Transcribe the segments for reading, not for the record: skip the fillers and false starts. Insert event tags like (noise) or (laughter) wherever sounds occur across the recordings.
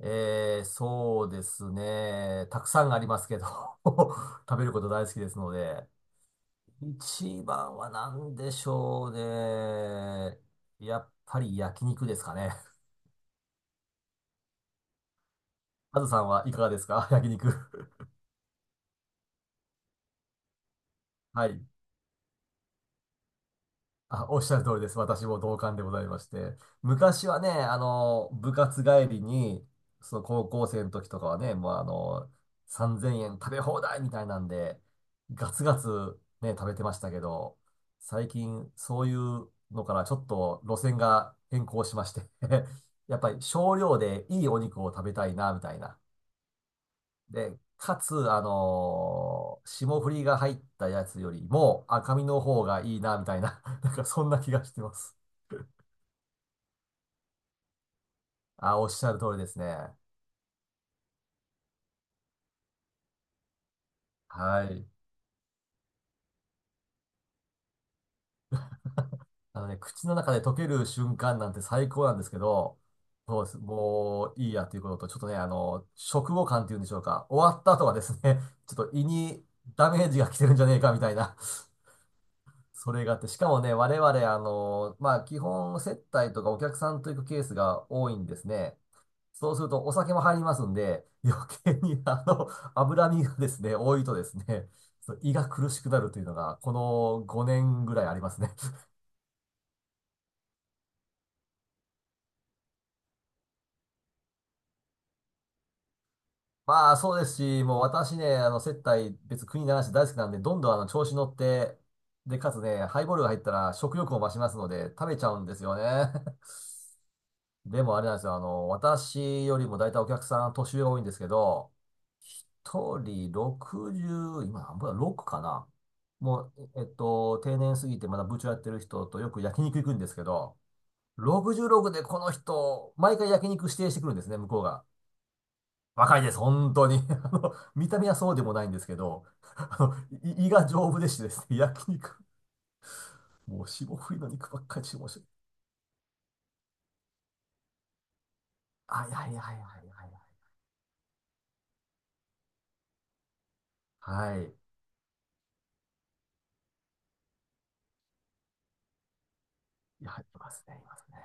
そうですね。たくさんありますけど。 (laughs) 食べること大好きですので。一番は何でしょうね。やっぱり焼肉ですかね。カズさんはいかがですか？ (laughs) 焼肉。はい。あ、おっしゃる通りです。私も同感でございまして。昔はね、部活帰りに、その高校生の時とかはね、もう3,000円食べ放題みたいなんで、ガツガツね、食べてましたけど、最近そういうのからちょっと路線が変更しまして。 (laughs) やっぱり少量でいいお肉を食べたいな、みたいな。で、かつ、霜降りが入ったやつよりも赤身の方がいいな、みたいな。(laughs) なんかそんな気がしてます。あ、おっしゃる通りですね。はい。あのね、口の中で溶ける瞬間なんて最高なんですけど、そうです。もういいやということと、ちょっとね、食後感っていうんでしょうか。終わった後はですね、(laughs) ちょっと胃にダメージが来てるんじゃねえか、みたいな。それがあって、しかもね、我々、まあ、基本接待とかお客さんと行くケースが多いんですね。そうするとお酒も入りますんで、余計に脂身がですね、多いとですね、そう胃が苦しくなるというのが、この5年ぐらいありますね。(laughs) まあそうですし、もう私ね、接待、別国ならし大好きなんで、どんどん調子乗って、で、かつね、ハイボールが入ったら食欲も増しますので、食べちゃうんですよね。(laughs) でもあれなんですよ、私よりも大体お客さん年上が多いんですけど、人60、今何分だ、6かな。もう、定年過ぎてまだ部長やってる人とよく焼肉行くんですけど、66でこの人、毎回焼肉指定してくるんですね、向こうが。若いです、本当に。(laughs) 見た目はそうでもないんですけど、あの、胃が丈夫でしてですね、焼肉。もう霜降りの肉ばっかり注文して。はいはいはいはいはいはい。はい。いや、いますね、いますね。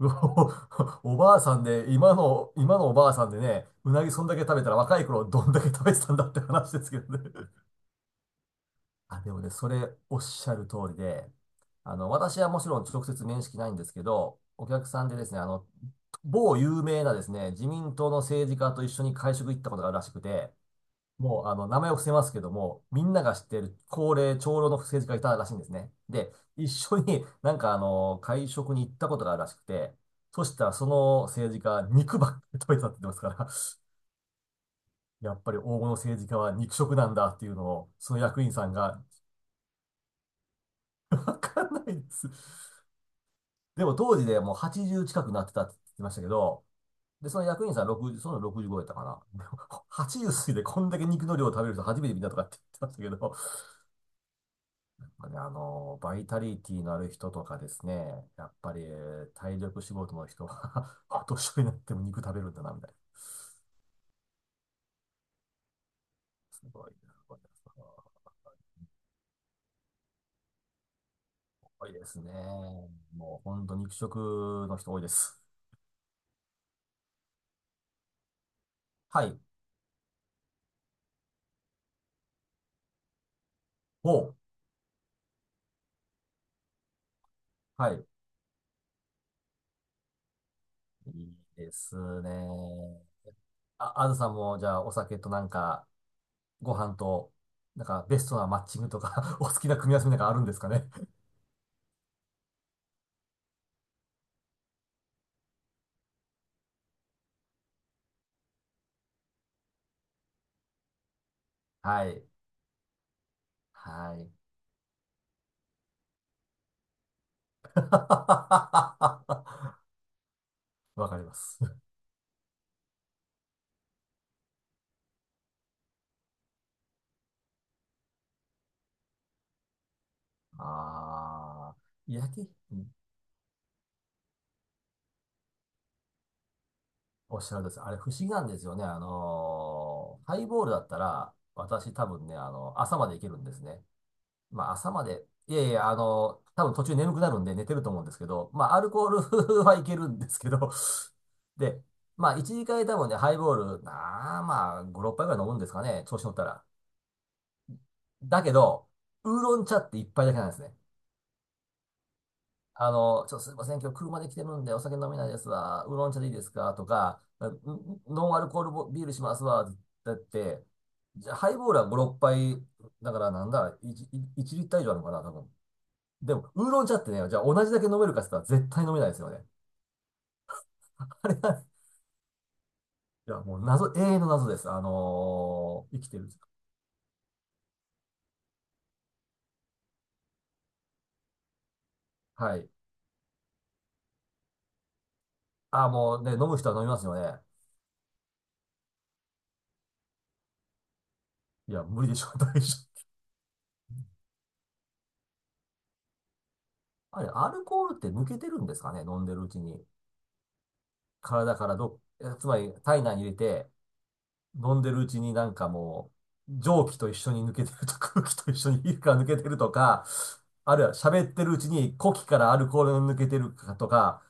(laughs) おばあさんで、今のおばあさんでね、うなぎそんだけ食べたら若い頃どんだけ食べてたんだって話ですけどね。あ、でもね、それおっしゃる通りで、私はもちろん直接面識ないんですけど、お客さんでですね、某有名なですね、自民党の政治家と一緒に会食行ったことがあるらしくて、もう、名前を伏せますけども、みんなが知っている高齢、長老の政治家がいたらしいんですね。で、一緒に (laughs) なんか会食に行ったことがあるらしくて、そしたらその政治家、肉ばっかり食べてたって言ってますから、(laughs) やっぱり黄金の政治家は肉食なんだっていうのを、その役員さんが、(laughs) わかんないです。でも当時でもう80近くなってたって言ってましたけど、で、その役員さん60、その65やったかな。でも80 (laughs) 過ぎてこんだけ肉の量を食べる人初めて見たとかって言ってましたけど、バイタリティのある人とかですね、やっぱり体力仕事の人は (laughs) お年寄りになっても肉食べるんだな、みたいな。すごいな、これ多いですね。もう本当肉食の人多いです。はい。お、はい。いいですね。あ、あずさんも、じゃあ、お酒となんか、ご飯と、なんか、ベストなマッチングとか (laughs) お好きな組み合わせなんかあるんですかね。はい。はい。(laughs) わかります。ああ、うんおっしゃるんです。あれ不思議なんですよね。ハイボールだったら、私多分ね、朝までいけるんですね。まあ朝まで、いやいや、多分途中眠くなるんで寝てると思うんですけど、まあアルコール (laughs) はいけるんですけど、で、まあ1、2回多分ね、ハイボール、なあ、まあ5、6杯ぐらい飲むんですかね、調子乗ったら。だけど、ウーロン茶って一杯だけなんですね。ちょっとすみません、今日車で来てるんでお酒飲めないですわ。ウーロン茶でいいですかとか、ノンアルコールボビールしますわ。だって、じゃあハイボールは5、6杯、だからなんだ、1、いちリッター以上あるのかな、多分。でも、ウーロン茶ってね、じゃあ同じだけ飲めるかって言ったら絶対飲めないですよね。(laughs) あれは、いや、もう謎、永遠の謎です。生きてる。はい。あー、もうね、飲む人は飲みますよね。いや、無理でしょ、(laughs) 大丈夫。あれ、アルコールって抜けてるんですかね、飲んでるうちに。体からどっ、つまり体内に入れて、飲んでるうちになんかもう、蒸気と一緒に抜けてると、空気と一緒に皮膚が抜けてるとか、あるいは喋ってるうちに呼気からアルコールが抜けてるかとか、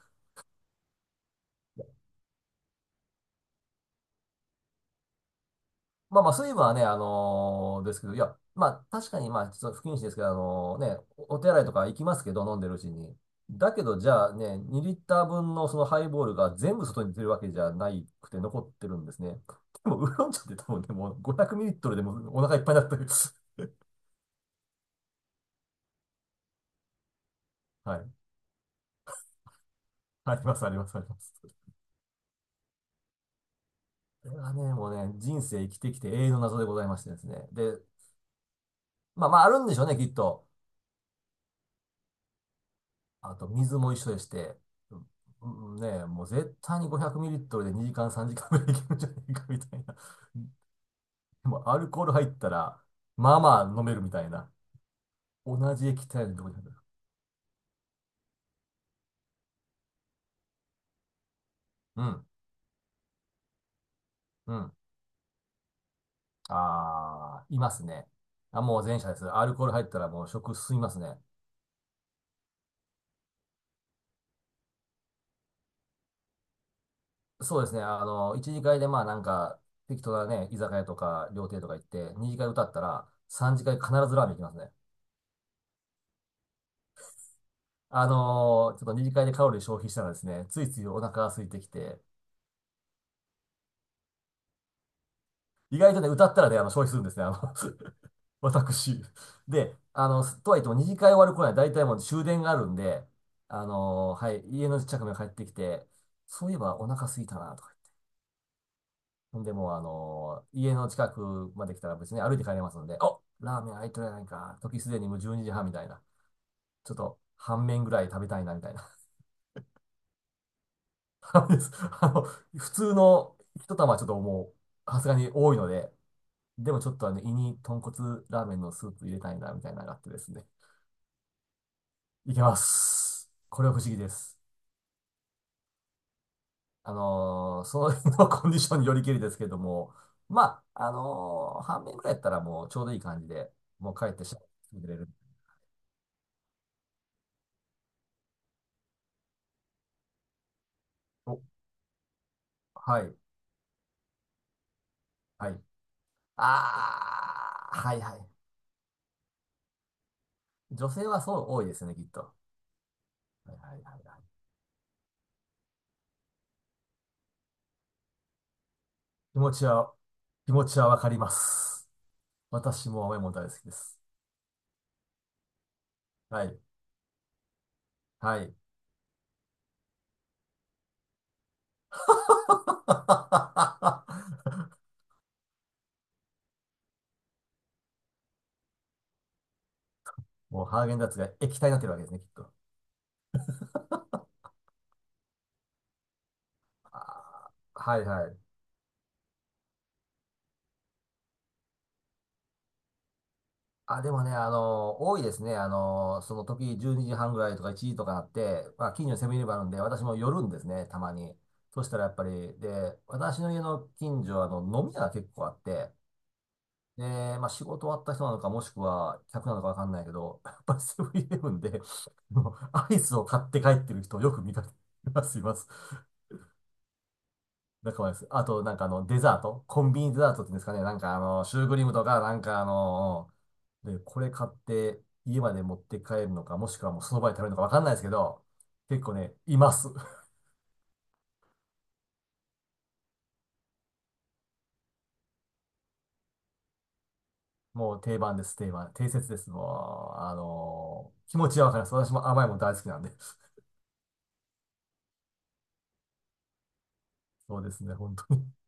まあまあ、水分はね、あのーですけど、いや、まあ確かに、まあ、ちょっと不謹慎ですけど、あのーね、おお手洗いとか行きますけど、飲んでるうちに。だけど、じゃあね、2リッター分のそのハイボールが全部外に出るわけじゃないくて残ってるんですね。でも、ウーロン茶って多分ね、もう500ミリリットルでもうお腹いっぱいになってる。(laughs) はい。あります、あります、あります。これはね、もうね、人生生きてきて永遠の謎でございましてですね。で、まあまあ、あるんでしょうね、きっと。あと、水も一緒でして、うんうんねえ、もう絶対に500ミリリットルで2時間3時間ぐらいいけるんじゃないかみたいな。(laughs) でもアルコール入ったら、まあまあ飲めるみたいな。同じ液体でどこに入るうん、うん。ああ、いますね。あ、もう前者です。アルコール入ったらもう食進みますね。そうですね。一次会でまあなんか、適当なね、居酒屋とか料亭とか行って、二次会歌ったら、三次会必ずラーメン行きますね。ちょっと二次会でカロリー消費したらですね、ついついお腹が空いてきて、意外とね、歌ったらね、消費するんですね、(laughs) 私。で、とはいっても二次会終わる頃には大体もう終電があるんで、はい、家の近くに帰ってきて、そういえばお腹空いたな、とか言って。ほんで、もう家の近くまで来たら別に歩いて帰れますので、お、ラーメン開いてるやないか、時すでにもう12時半みたいな。ちょっと、半麺ぐらい食べたいな、みたいな。(laughs) あのですあの普通の一玉はちょっともう、さすがに多いので、でもちょっと胃に豚骨ラーメンのスープ入れたいな、みたいなのがあってですね。いけます。これは不思議です。その日のコンディションによりけりですけれども、まあ、半面ぐらいやったらもうちょうどいい感じで、もう帰ってしてくれる。お、はい、はい。あー、はいはい。女性はそう多いですね、きっと。はいはいはいはい。気持ちは、気持ちはわかります。私も甘いもの大好きです。はい。はい。(laughs) もうハーゲンダッツが液体になってるわけですね、きっと。あーはいはい。あ、でもね、多いですね。その時12時半ぐらいとか1時とかなって、まあ、近所にセブンイレブンあるんで、私も寄るんですね、たまに。そしたらやっぱり、で、私の家の近所はあの飲み屋が結構あって、ねえー、まあ仕事終わった人なのか、もしくは客なのかわかんないけど、やっぱりセブンイレブンで、もうアイスを買って帰ってる人をよく見かけます、います。仲間です。あと、なんかデザート、コンビニデザートっていうんですかね、なんかシュークリームとか、なんかで、これ買って家まで持って帰るのか、もしくはもうその場で食べるのかわかんないですけど、結構ね、います。(laughs) もう定番です、定番。定説です。もう、あの気持ちはわかります。私も甘いもん大好きなんで。そうですね、本当に。